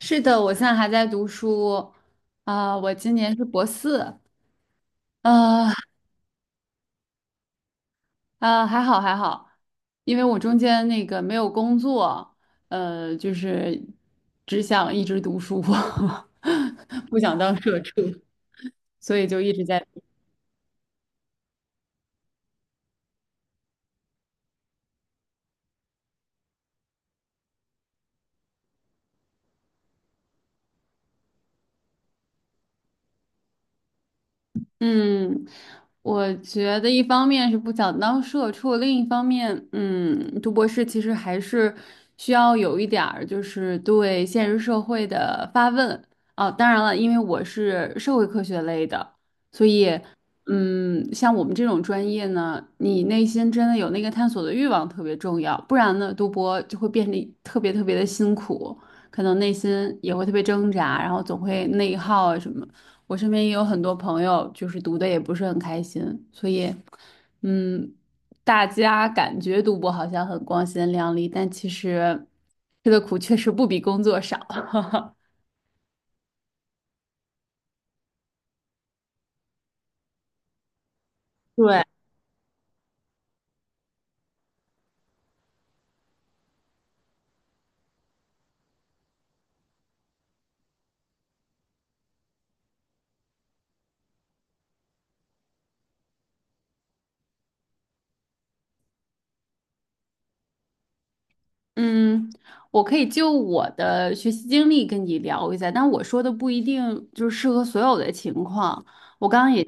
是的，我现在还在读书，我今年是博四，呃还好还好，因为我中间那个没有工作，就是只想一直读书，不想当社畜，所以就一直在。嗯，我觉得一方面是不想当社畜，另一方面，嗯，读博士其实还是需要有一点儿就是对现实社会的发问哦。当然了，因为我是社会科学类的，所以，嗯，像我们这种专业呢，你内心真的有那个探索的欲望特别重要，不然呢，读博就会变得特别特别的辛苦，可能内心也会特别挣扎，然后总会内耗啊什么。我身边也有很多朋友，就是读的也不是很开心，所以，嗯，大家感觉读博好像很光鲜亮丽，但其实吃的苦确实不比工作少。对。嗯，我可以就我的学习经历跟你聊一下，但我说的不一定就是适合所有的情况。我刚刚也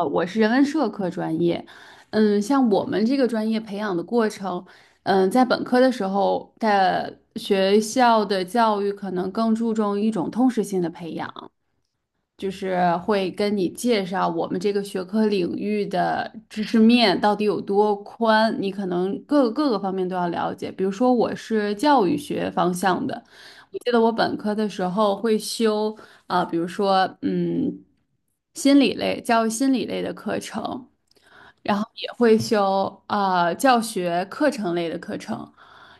我是人文社科专业，嗯，像我们这个专业培养的过程，嗯，在本科的时候，的学校的教育可能更注重一种通识性的培养，就是会跟你介绍我们这个学科领域的知识面到底有多宽，你可能各个方面都要了解。比如说，我是教育学方向的，我记得我本科的时候会修比如说嗯，心理类、教育心理类的课程，然后也会修教学课程类的课程，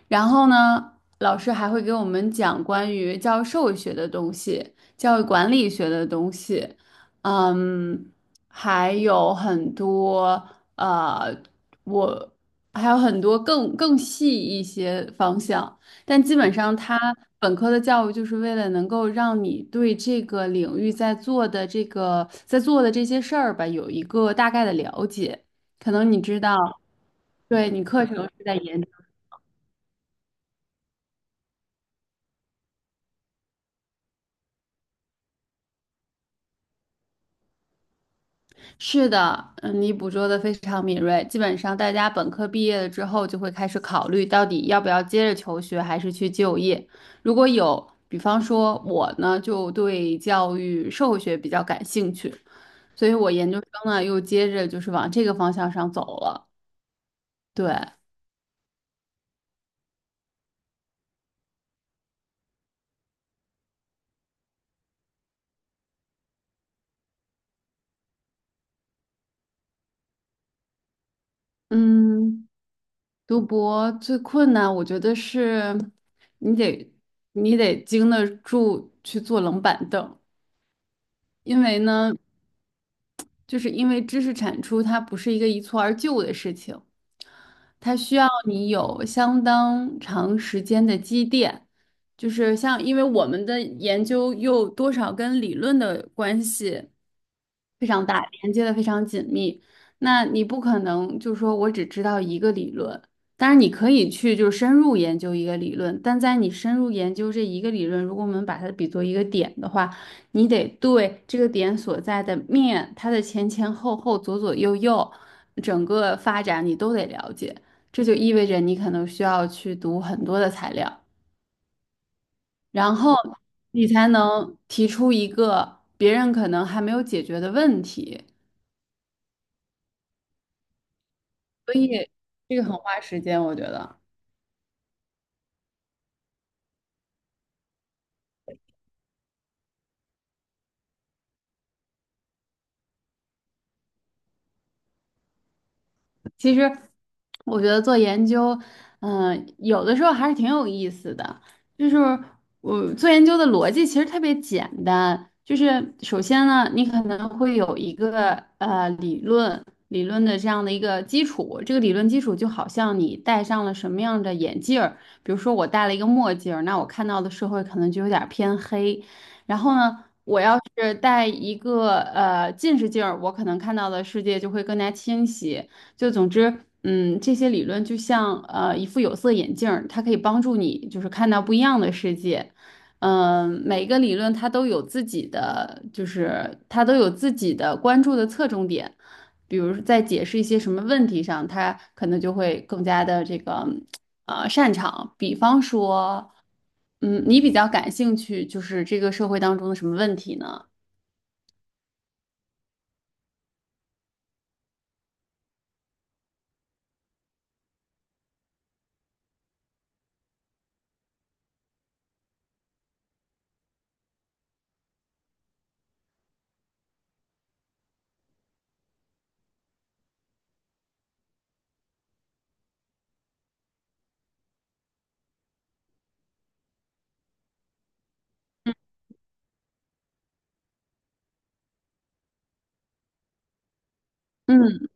然后呢，老师还会给我们讲关于教授学的东西。教育管理学的东西，嗯，还有很多呃，我还有很多更细一些方向，但基本上它本科的教育就是为了能够让你对这个领域在做的这些事儿吧，有一个大概的了解，可能你知道。对，你课程是在研是的，嗯，你捕捉的非常敏锐。基本上，大家本科毕业了之后，就会开始考虑到底要不要接着求学，还是去就业。如果有，比方说我呢，就对教育社会学比较感兴趣，所以我研究生呢又接着就是往这个方向上走了。对，嗯，读博最困难，我觉得是你得你得经得住去坐冷板凳。因为呢，就是因为知识产出它不是一个一蹴而就的事情，它需要你有相当长时间的积淀。就是像，因为我们的研究又多少跟理论的关系非常大，连接的非常紧密。那你不可能就说我只知道一个理论，当然你可以去就是深入研究一个理论，但在你深入研究这一个理论，如果我们把它比作一个点的话，你得对这个点所在的面，它的前前后后、左左右右，整个发展你都得了解。这就意味着你可能需要去读很多的材料，然后你才能提出一个别人可能还没有解决的问题。所以这个很花时间，我觉得。其实我觉得做研究，嗯、有的时候还是挺有意思的。就是我做研究的逻辑其实特别简单，就是首先呢，你可能会有一个呃理论理论的这样的一个基础，这个理论基础就好像你戴上了什么样的眼镜儿，比如说我戴了一个墨镜儿，那我看到的社会可能就有点儿偏黑。然后呢，我要是戴一个近视镜儿，我可能看到的世界就会更加清晰。就总之，嗯，这些理论就像一副有色眼镜儿，它可以帮助你就是看到不一样的世界。嗯、每个理论它都有自己的，就是它都有自己的关注的侧重点。比如说在解释一些什么问题上，它可能就会更加的这个擅长。比方说，嗯，你比较感兴趣，就是这个社会当中的什么问题呢？嗯，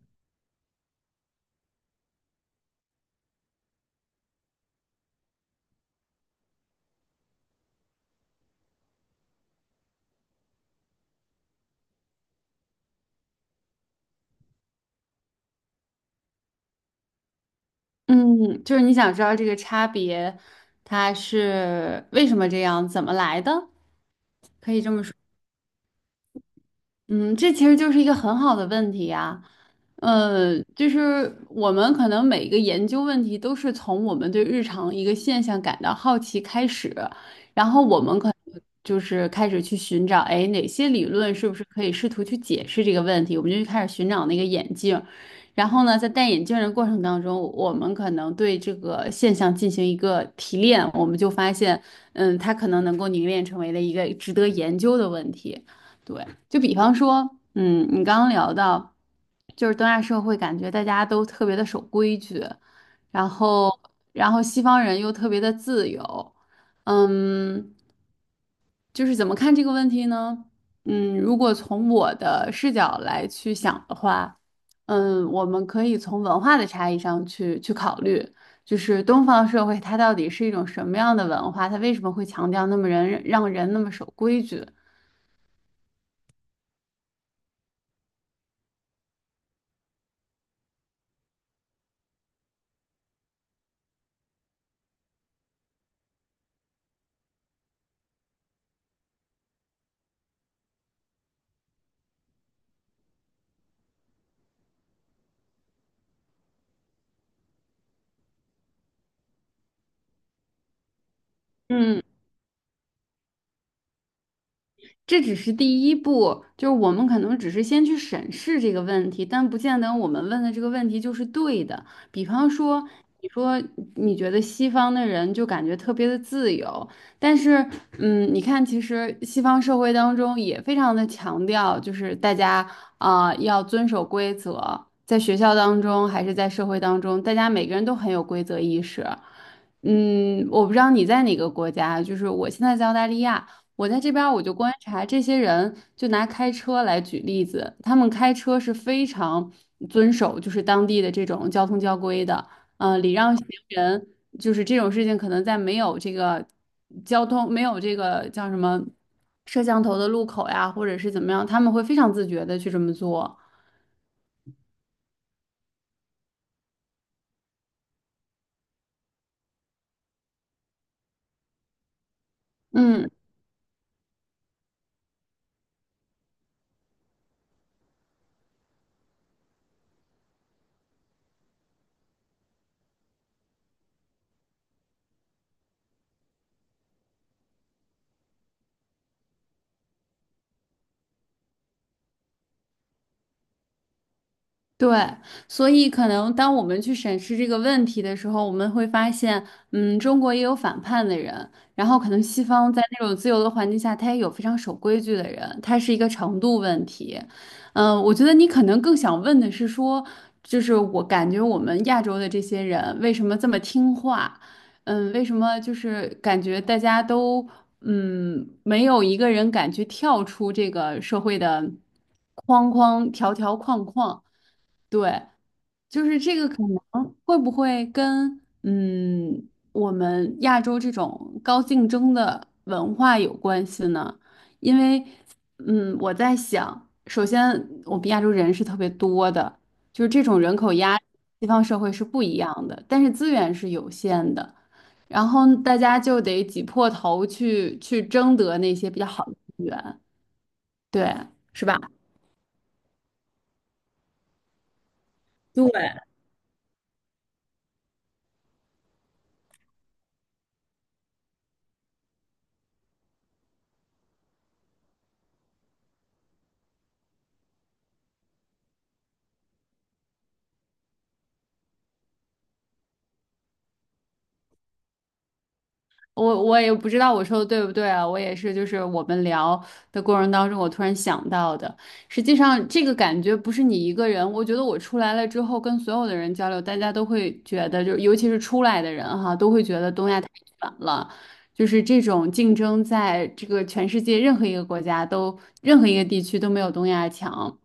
嗯，就是你想知道这个差别，它是为什么这样，怎么来的？可以这么说。嗯，这其实就是一个很好的问题呀。呃，就是我们可能每一个研究问题都是从我们对日常一个现象感到好奇开始，然后我们可能就是开始去寻找，哎，哪些理论是不是可以试图去解释这个问题？我们就开始寻找那个眼镜。然后呢，在戴眼镜的过程当中，我们可能对这个现象进行一个提炼，我们就发现，嗯，它可能能够凝练成为了一个值得研究的问题。对。就比方说，嗯，你刚刚聊到，就是东亚社会感觉大家都特别的守规矩，然后，然后西方人又特别的自由，嗯，就是怎么看这个问题呢？嗯，如果从我的视角来去想的话，嗯，我们可以从文化的差异上去考虑，就是东方社会它到底是一种什么样的文化，它为什么会强调那么人让人那么守规矩？嗯这只是第一步，就是我们可能只是先去审视这个问题，但不见得我们问的这个问题就是对的。比方说，你说你觉得西方的人就感觉特别的自由，但是，嗯，你看，其实西方社会当中也非常的强调，就是大家要遵守规则，在学校当中还是在社会当中，大家每个人都很有规则意识。嗯，我不知道你在哪个国家，就是我现在在澳大利亚。我在这边儿我就观察这些人，就拿开车来举例子，他们开车是非常遵守就是当地的这种交通交规的，嗯，礼让行人，就是这种事情可能在没有这个叫什么摄像头的路口呀，或者是怎么样，他们会非常自觉的去这么做。嗯，对，所以可能当我们去审视这个问题的时候，我们会发现，嗯，中国也有反叛的人，然后可能西方在那种自由的环境下，他也有非常守规矩的人，他是一个程度问题。嗯，我觉得你可能更想问的是说，就是我感觉我们亚洲的这些人为什么这么听话？嗯，为什么就是感觉大家都嗯没有一个人敢去跳出这个社会的框框条条框框？对，就是这个可能会不会跟嗯我们亚洲这种高竞争的文化有关系呢？因为嗯我在想，首先我们亚洲人是特别多的，就是这种人口压力西方社会是不一样的，但是资源是有限的，然后大家就得挤破头去争得那些比较好的资源，对，是吧？对，我也不知道我说的对不对啊，我也是，就是我们聊的过程当中，我突然想到的。实际上，这个感觉不是你一个人，我觉得我出来了之后，跟所有的人交流，大家都会觉得，就尤其是出来的人哈，都会觉得东亚太卷了，就是这种竞争，在这个全世界任何一个国家都，任何一个地区都没有东亚强。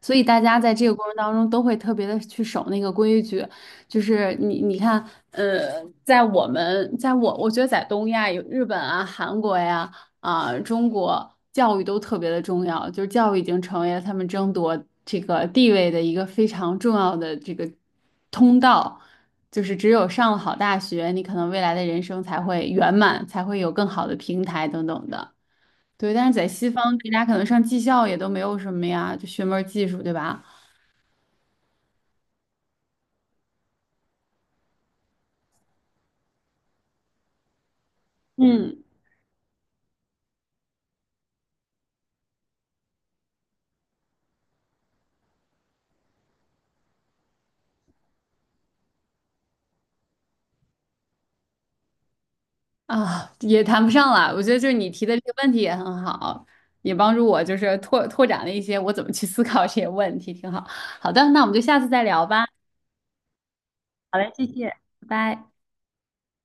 所以大家在这个过程当中都会特别的去守那个规矩，就是你看，呃，在我们在我我觉得在东亚有日本啊、韩国呀、啊、中国，教育都特别的重要，就是教育已经成为了他们争夺这个地位的一个非常重要的这个通道，就是只有上了好大学，你可能未来的人生才会圆满，才会有更好的平台等等的。对，但是在西方，大家可能上技校也都没有什么呀，就学门儿技术，对吧？嗯啊，也谈不上了。我觉得就是你提的这个问题也很好，也帮助我就是拓展了一些我怎么去思考这些问题，挺好。好的，那我们就下次再聊吧，拜拜。